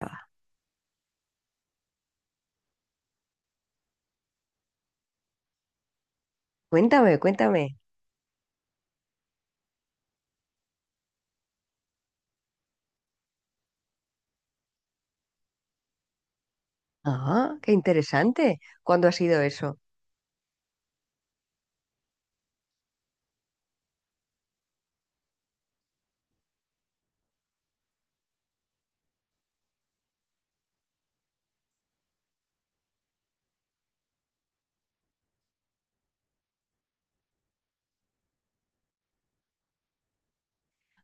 Ah, cuéntame, cuéntame. Ah, qué interesante. ¿Cuándo ha sido eso?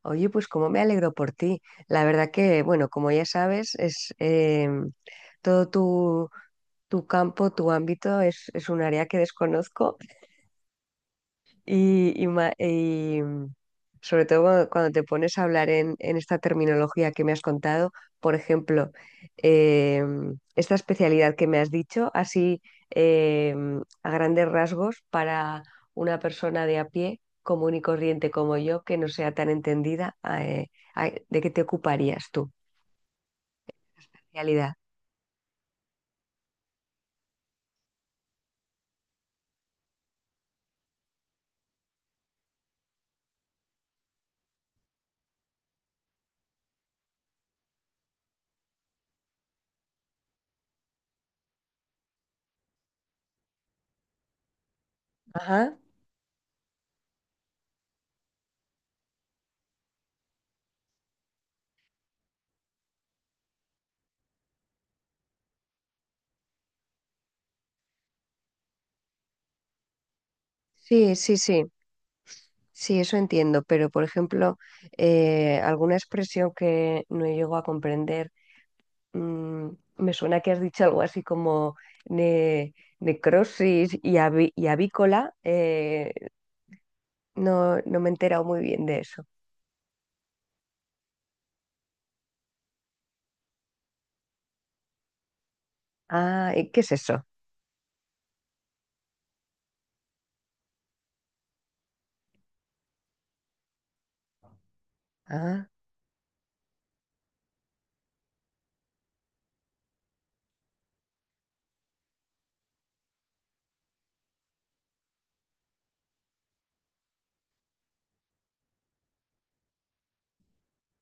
Oye, pues cómo me alegro por ti. La verdad que, bueno, como ya sabes, es em, todo tu campo, tu ámbito es un área que desconozco. Y sobre todo cuando te pones a hablar en esta terminología que me has contado, por ejemplo, eh, esta especialidad que me has dicho, así eh, a grandes rasgos para una persona de a pie, común y corriente como yo, que no sea tan entendida, ¿de qué te ocuparías tú? Especialidad. Ajá. Sí, sí, sí. Sí, eso entiendo, pero por ejemplo, alguna expresión que no llego a comprender. mm, Me suena que has dicho algo así como ne- necrosis y y avícola. No, no me he enterado muy bien de eso. Ah, ¿y qué es eso? Ah.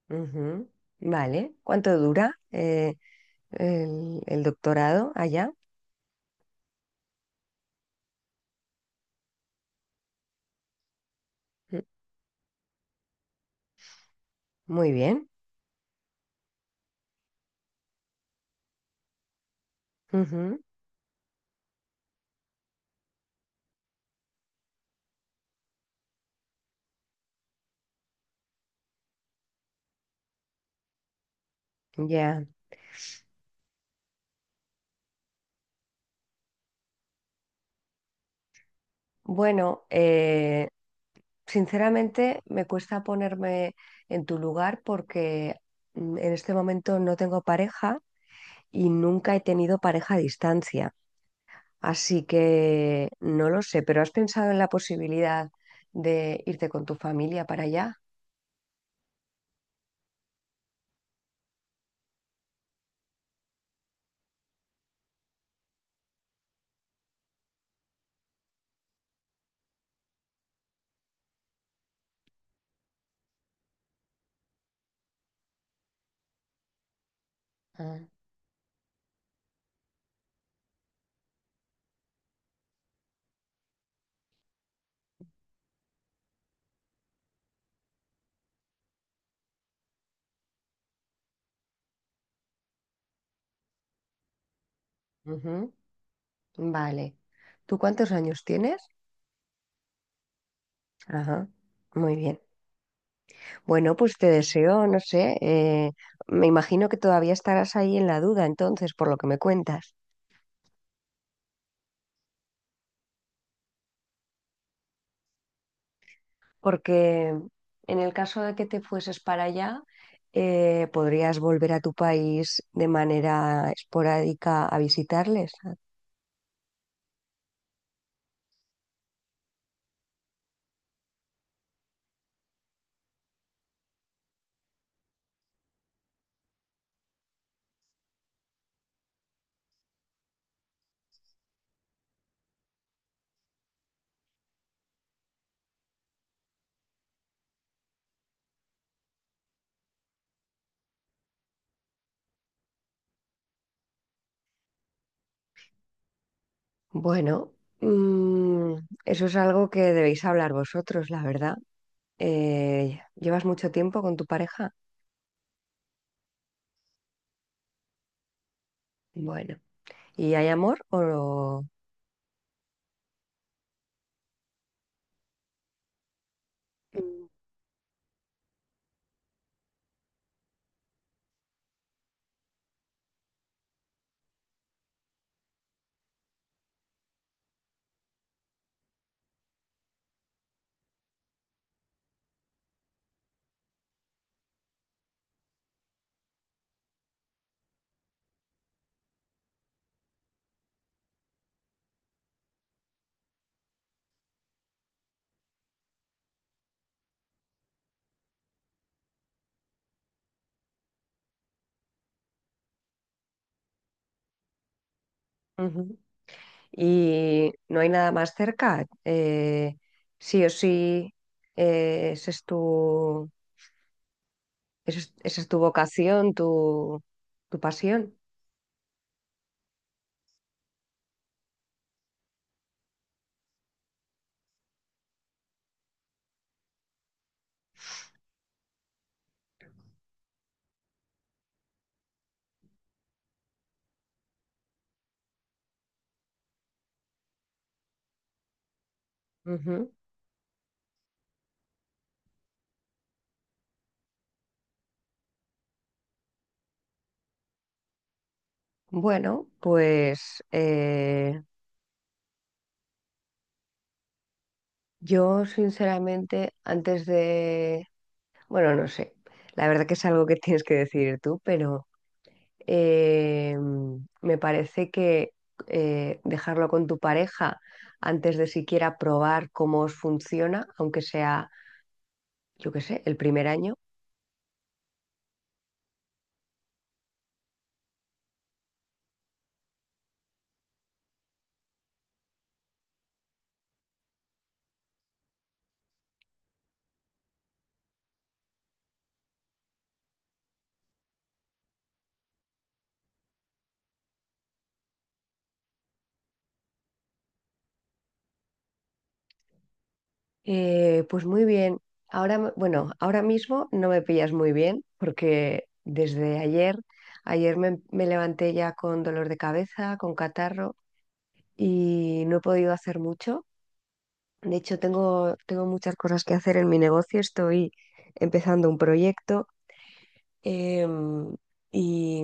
Ujú. Vale. ¿Cuánto dura el doctorado allá? Mm. Muy bien. Ujú. Ya. Bueno, sinceramente me cuesta ponerme en tu lugar porque en este momento no tengo pareja. Y nunca he tenido pareja a distancia, así que no lo sé, pero ¿has pensado en la posibilidad de irte con tu familia para allá? Ah. Ujú. Vale. ¿Tú cuántos años tienes? Ajá, muy bien. Bueno, pues te deseo, no sé, me imagino que todavía estarás ahí en la duda, entonces, por lo que me cuentas. Porque en el caso de que te fueses para allá, podrías volver a tu país de manera esporádica a visitarles. Bueno, mm, eso es algo que debéis hablar vosotros, la verdad. ¿Llevas mucho tiempo con tu pareja? Bueno, ¿y hay amor o? Mm. Ujú. ¿Y no hay nada más cerca? Sí o sí, ese es tu. Eso es, esa es tu vocación, tu pasión. Ujú. Bueno, pues yo sinceramente antes de, bueno, no sé, la verdad que es algo que tienes que decidir tú, pero eh, me parece que dejarlo con tu pareja antes de siquiera probar cómo os funciona, aunque sea, yo qué sé, el primer año. Pues muy bien. Ahora, bueno, ahora mismo no me pillas muy bien porque desde ayer me levanté ya con dolor de cabeza, con catarro y no he podido hacer mucho. De hecho, tengo muchas cosas que hacer en mi negocio. Estoy empezando un proyecto em, y,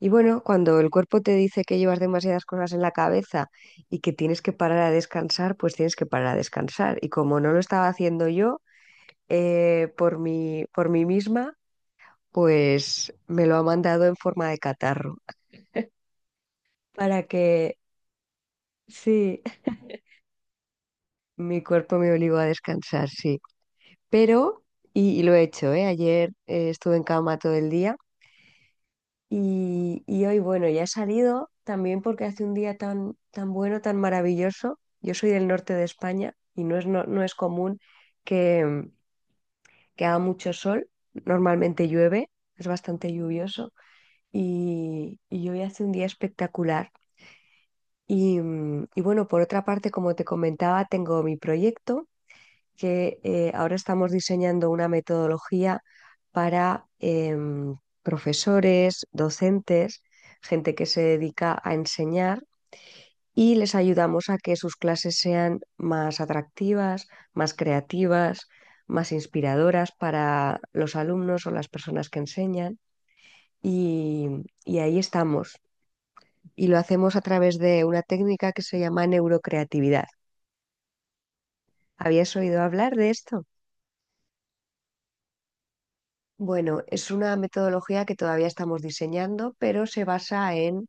y bueno, cuando el cuerpo te dice que llevas demasiadas cosas en la cabeza y que tienes que parar a descansar, pues tienes que parar a descansar. Y como no lo estaba haciendo yo, por mí misma, pues me lo ha mandado en forma de catarro. Para que, sí. Mi cuerpo me obligó a descansar, sí. Pero, y lo he hecho, ¿eh? Ayer estuve en cama todo el día y hoy, bueno, ya he salido también porque hace un día tan, bueno, tan maravilloso. Yo soy del norte de España y no es común que, que haga mucho sol. Normalmente llueve, es bastante lluvioso. Y hoy hace un día espectacular. Y bueno, por otra parte, como te comentaba, tengo mi proyecto que ahora estamos diseñando una metodología para profesores, docentes, gente que se dedica a enseñar y les ayudamos a que sus clases sean más atractivas, más creativas, más inspiradoras para los alumnos o las personas que enseñan. Y, y ahí estamos. Y lo hacemos a través de una técnica que se llama neurocreatividad. ¿Habías oído hablar de esto? Bueno, es una metodología que todavía estamos diseñando, pero se basa en,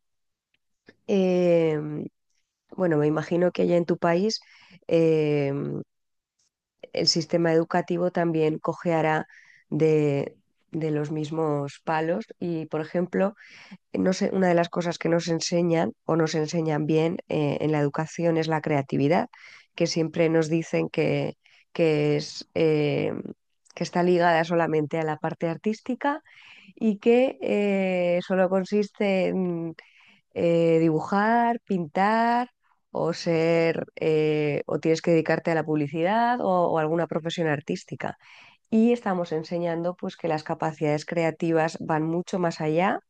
eh, bueno, me imagino que allá en tu país eh, el sistema educativo también cojeará de, de los mismos palos y, por ejemplo, no sé, una de las cosas que nos enseñan o nos enseñan bien en la educación es la creatividad, que siempre nos dicen que es, que está ligada solamente a la parte artística y que solo consiste en dibujar, pintar o ser o tienes que dedicarte a la publicidad o alguna profesión artística. Y estamos enseñando pues que las capacidades creativas van mucho más allá,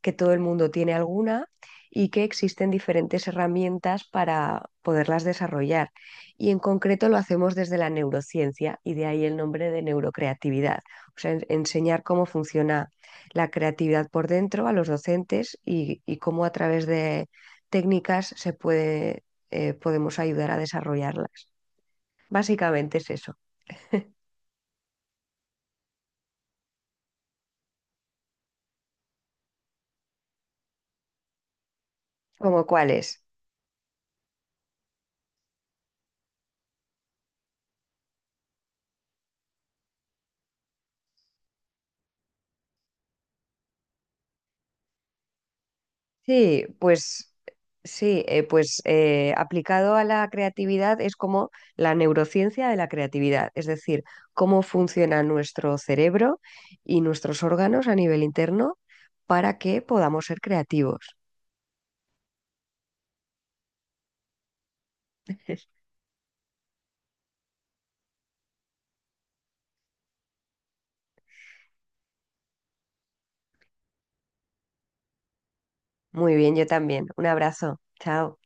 que todo el mundo tiene alguna y que existen diferentes herramientas para poderlas desarrollar. Y en concreto lo hacemos desde la neurociencia y de ahí el nombre de neurocreatividad, o sea, enseñar cómo funciona la creatividad por dentro a los docentes y, cómo a través de técnicas se puede, podemos ayudar a desarrollarlas. Básicamente es eso. ¿Como cuáles? Sí, pues sí, pues aplicado a la creatividad es como la neurociencia de la creatividad, es decir, cómo funciona nuestro cerebro y nuestros órganos a nivel interno para que podamos ser creativos. Muy bien, yo también. Un abrazo. Chao.